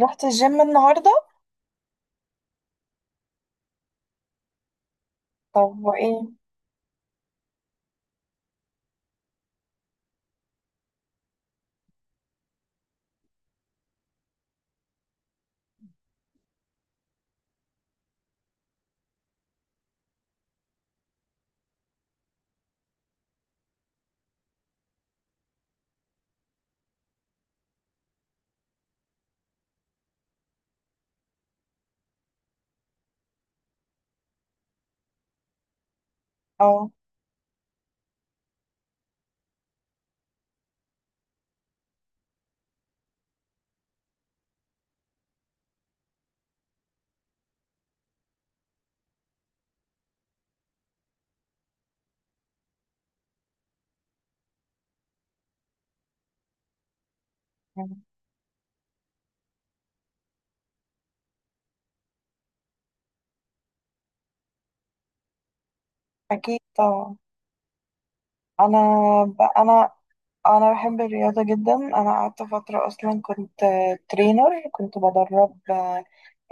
رحت الجيم النهاردة؟ طب وايه؟ اه. يعني اكيد طبعا. انا ب... انا انا بحب الرياضة جدا. انا قعدت فترة اصلا كنت ترينر، كنت بدرب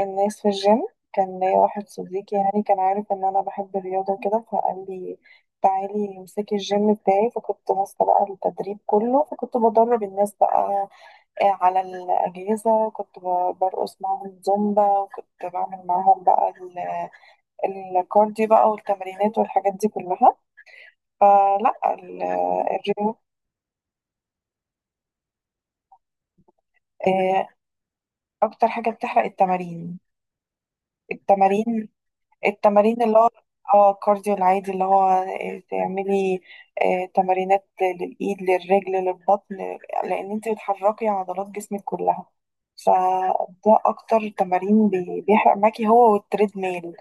الناس في الجيم. كان ليا واحد صديقي، يعني كان عارف ان انا بحب الرياضة وكده، فقال لي تعالي امسكي الجيم بتاعي، فكنت ماسكة بقى التدريب كله، فكنت بدرب الناس بقى على الأجهزة، كنت برقص معاهم زومبا، وكنت بعمل معاهم بقى الكارديو بقى والتمرينات والحاجات دي كلها. الرياضة آه، أكتر حاجة بتحرق التمارين. التمارين التمارين اللي هو اه الكارديو العادي، اللي هو تعملي تمارينات للإيد، للرجل، للبطن، لأن انت بتحركي عضلات جسمك كلها. فده أكتر تمارين بيحرق معاكي، هو والتريد ميل.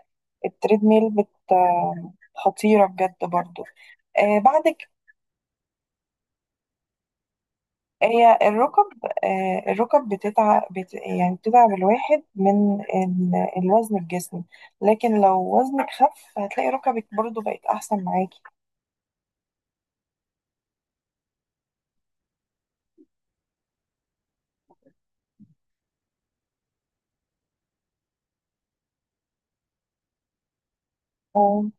التريد ميل بت آه، خطيرة بجد برضو. آه، بعد هي الركب، الركب بتتعب، يعني بتتعب الواحد من الوزن في جسمه، لكن لو وزنك خف هتلاقي ركبك برضو بقت أحسن معاكي. اه.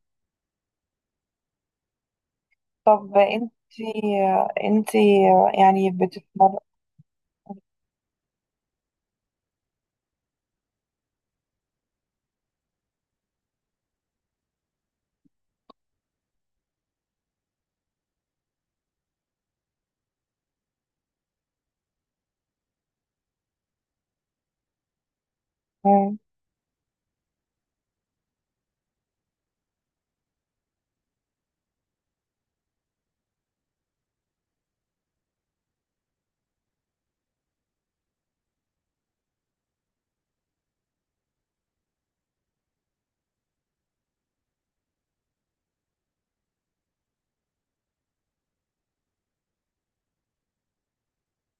طب انتي انتي يعني بتتمرن؟ مم.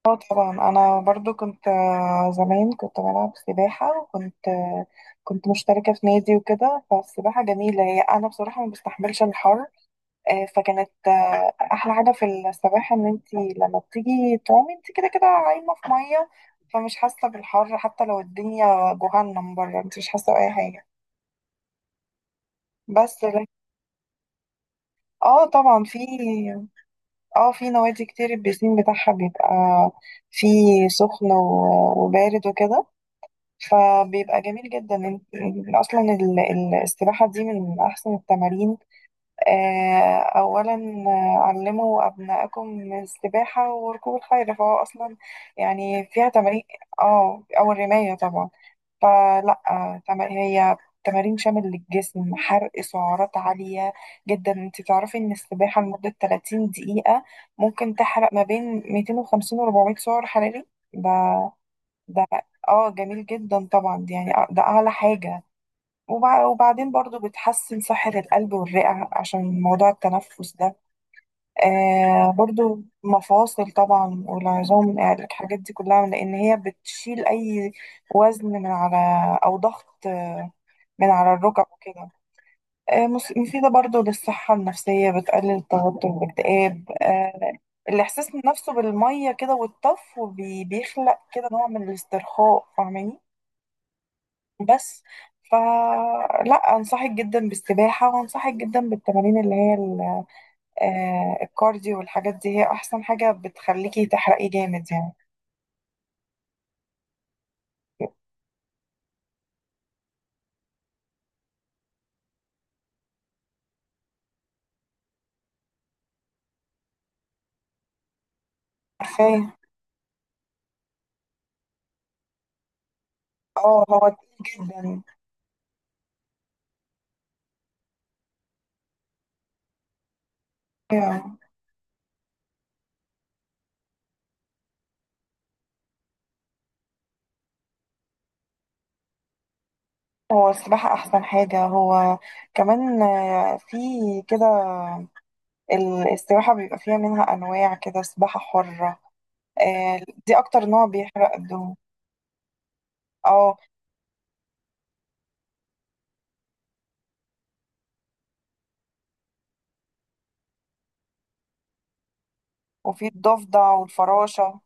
اه طبعا. انا برضو كنت زمان كنت بلعب سباحة، وكنت كنت مشتركة في نادي وكده. فالسباحة جميلة، هي انا بصراحة ما بستحملش الحر، فكانت احلى حاجه في السباحه ان انت لما بتيجي تعومي انت كده كده عايمه في ميه، فمش حاسه بالحر. حتى لو الدنيا جهنم بره، انت مش حاسه باي حاجه. بس ل- اه طبعا. في اه في نوادي كتير البيسين بتاعها بيبقى فيه سخن وبارد وكده، فبيبقى جميل جدا. السباحه دي من احسن التمارين أولا. علموا أبنائكم السباحة وركوب الخيل، فهو أصلا يعني فيها تمارين. اه أو الرماية طبعا. هي تمارين شامل للجسم، حرق سعرات عالية جدا. انت تعرفي ان السباحة لمدة 30 دقيقة ممكن تحرق ما بين 250 و 400 سعر حراري؟ ده ده. اه جميل جدا طبعا، دي يعني ده أعلى حاجة. وبعدين برضو بتحسن صحة القلب والرئة عشان موضوع التنفس ده. آه برضو مفاصل طبعا والعظام، يعني الحاجات دي كلها، لأن هي بتشيل أي وزن من على، أو ضغط من على الركب وكده. مفيدة برضو للصحة النفسية، بتقلل التوتر والاكتئاب. آه الإحساس نفسه بالمية كده والطف، وبيخلق كده نوع من الاسترخاء، فاهماني؟ بس. فلا انصحك جدا بالسباحة، وانصحك جدا بالتمارين اللي هي الكارديو والحاجات دي، هي احسن حاجة بتخليكي تحرقي جامد يعني. عارفاه. اه هو تقيل جدا. أيوة. هو السباحة احسن حاجة. هو كمان آه، في كده السباحة بيبقى فيها منها انواع كده. سباحة حرة آه، دي اكتر نوع بيحرق الدهون. اه. وفي الضفدع والفراشة.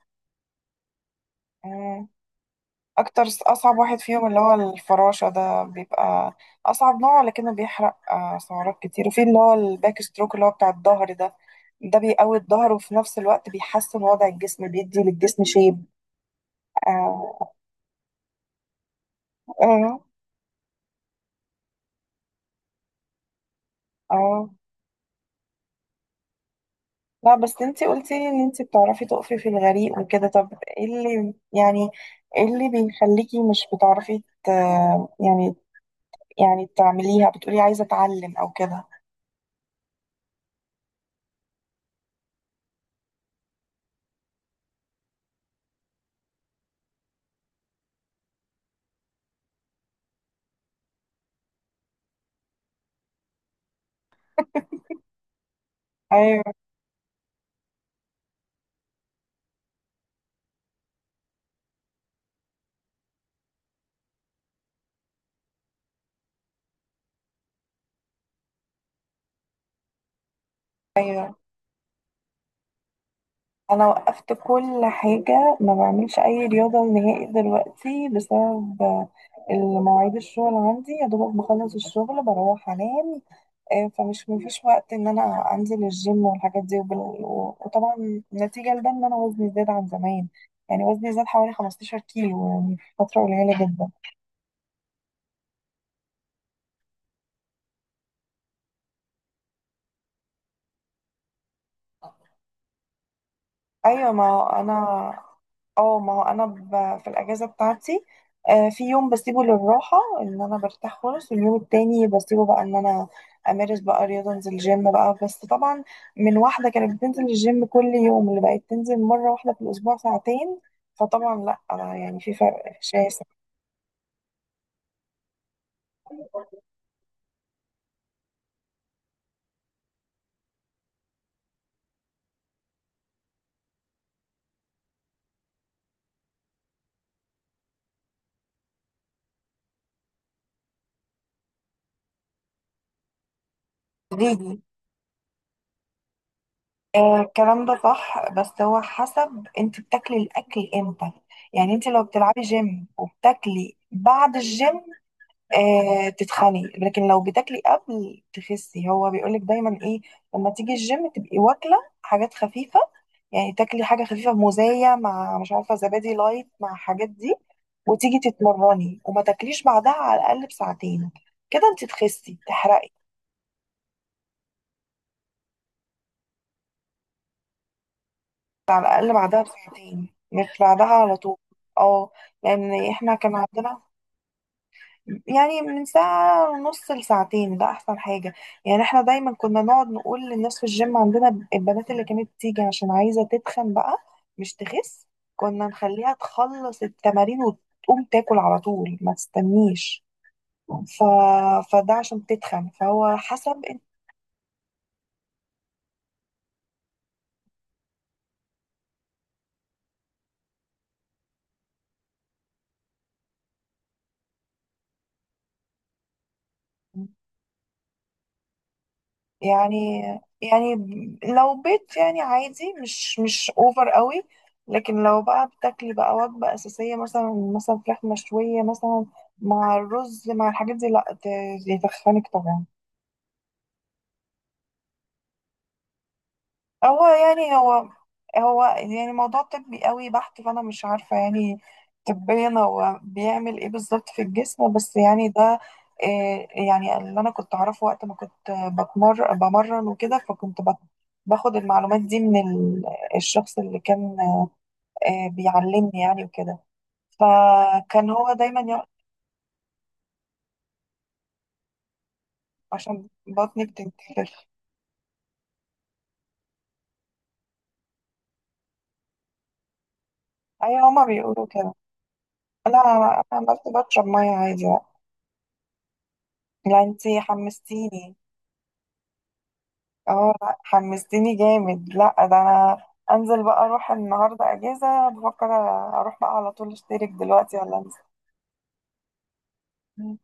مم. اصعب واحد فيهم اللي هو الفراشة، ده بيبقى اصعب نوع، لكنه بيحرق سعرات كتير. وفي اللي هو الباك ستروك، اللي هو بتاع الظهر ده، ده بيقوي الظهر، وفي نفس الوقت بيحسن وضع الجسم، بيدي للجسم شيب. اه. اه. اه. لا بس انتي قلتي لي ان انتي بتعرفي تقفي في الغريق وكده، طب ايه اللي يعني، ايه اللي بيخليكي مش بتعرفي ت... يعني، يعني تعمليها؟ بتقولي عايزة اتعلم او كده؟ ايوه. ايوه. انا وقفت كل حاجه، ما بعملش اي رياضه نهائي دلوقتي بسبب المواعيد، الشغل عندي يا دوبك بخلص الشغل بروح انام. آه، فمش مفيش وقت ان انا انزل الجيم والحاجات دي وطبعا نتيجه لده ان انا وزني زاد عن زمان، يعني وزني زاد حوالي 15 كيلو يعني في فتره قليله جدا. ايوه ما هو انا اه ما هو انا في الاجازه بتاعتي في يوم بسيبه للراحه ان انا برتاح خالص، واليوم التاني بسيبه بقى ان انا امارس بقى رياضه، انزل جيم بقى. بس طبعا من واحده كانت بتنزل الجيم كل يوم اللي بقت تنزل مره واحده في الاسبوع ساعتين، فطبعا لا أنا يعني في فرق شاسع. قوليلي. الكلام ده صح، بس هو حسب انت بتاكلي الاكل امتى. يعني انت لو بتلعبي جيم وبتاكلي بعد الجيم آه تتخني، لكن لو بتاكلي قبل تخسي. هو بيقولك دايما ايه، لما تيجي الجيم تبقي واكله حاجات خفيفه، يعني تاكلي حاجه خفيفه، موزيه مع مش عارفه زبادي لايت مع حاجات دي، وتيجي تتمرني، وما تاكليش بعدها على الاقل بساعتين. كده انت تخسي تحرقي. على الاقل بعدها بساعتين، مش بعدها على طول. اه. لان احنا كان عندنا يعني من ساعة ونص لساعتين، ده أحسن حاجة. يعني احنا دايما كنا نقعد نقول للناس في الجيم عندنا، البنات اللي كانت تيجي عشان عايزة تتخن بقى، مش تخس، كنا نخليها تخلص التمارين وتقوم تاكل على طول، ما تستنيش. ف... فده عشان تتخن، فهو حسب يعني. يعني لو بيت يعني عادي، مش اوفر قوي. لكن لو بقى بتاكلي بقى وجبة أساسية مثلا، مثلا فراخ مشوية مثلا مع الرز مع الحاجات دي، لا ت- يتخنك طبعا. هو هو يعني موضوع طبي قوي بحت، فانا مش عارفه يعني طبيا هو بيعمل ايه بالظبط في الجسم. بس يعني ده إيه يعني، اللي انا كنت اعرفه وقت ما كنت بمرن وكده، فكنت باخد المعلومات دي من الشخص اللي كان بيعلمني يعني وكده، فكان هو دايما يقول عشان بطني بتنتفخ. ايوه هما بيقولوا كده. لا أنا عملت بشرب ميه عادي بقى. لا انتي حمستيني. اه لا حمستني جامد. لا ده انا انزل بقى اروح النهارده اجازه، بفكر اروح بقى على طول اشترك دلوقتي، ولا انزل. مم.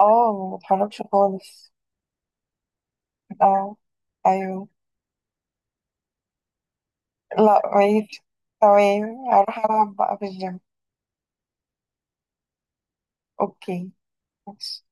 اه ما بتحركش خالص. اه. ايوه. لا ماشي. تمام. هروح العب بقى في الجيم. اوكي. ماشي.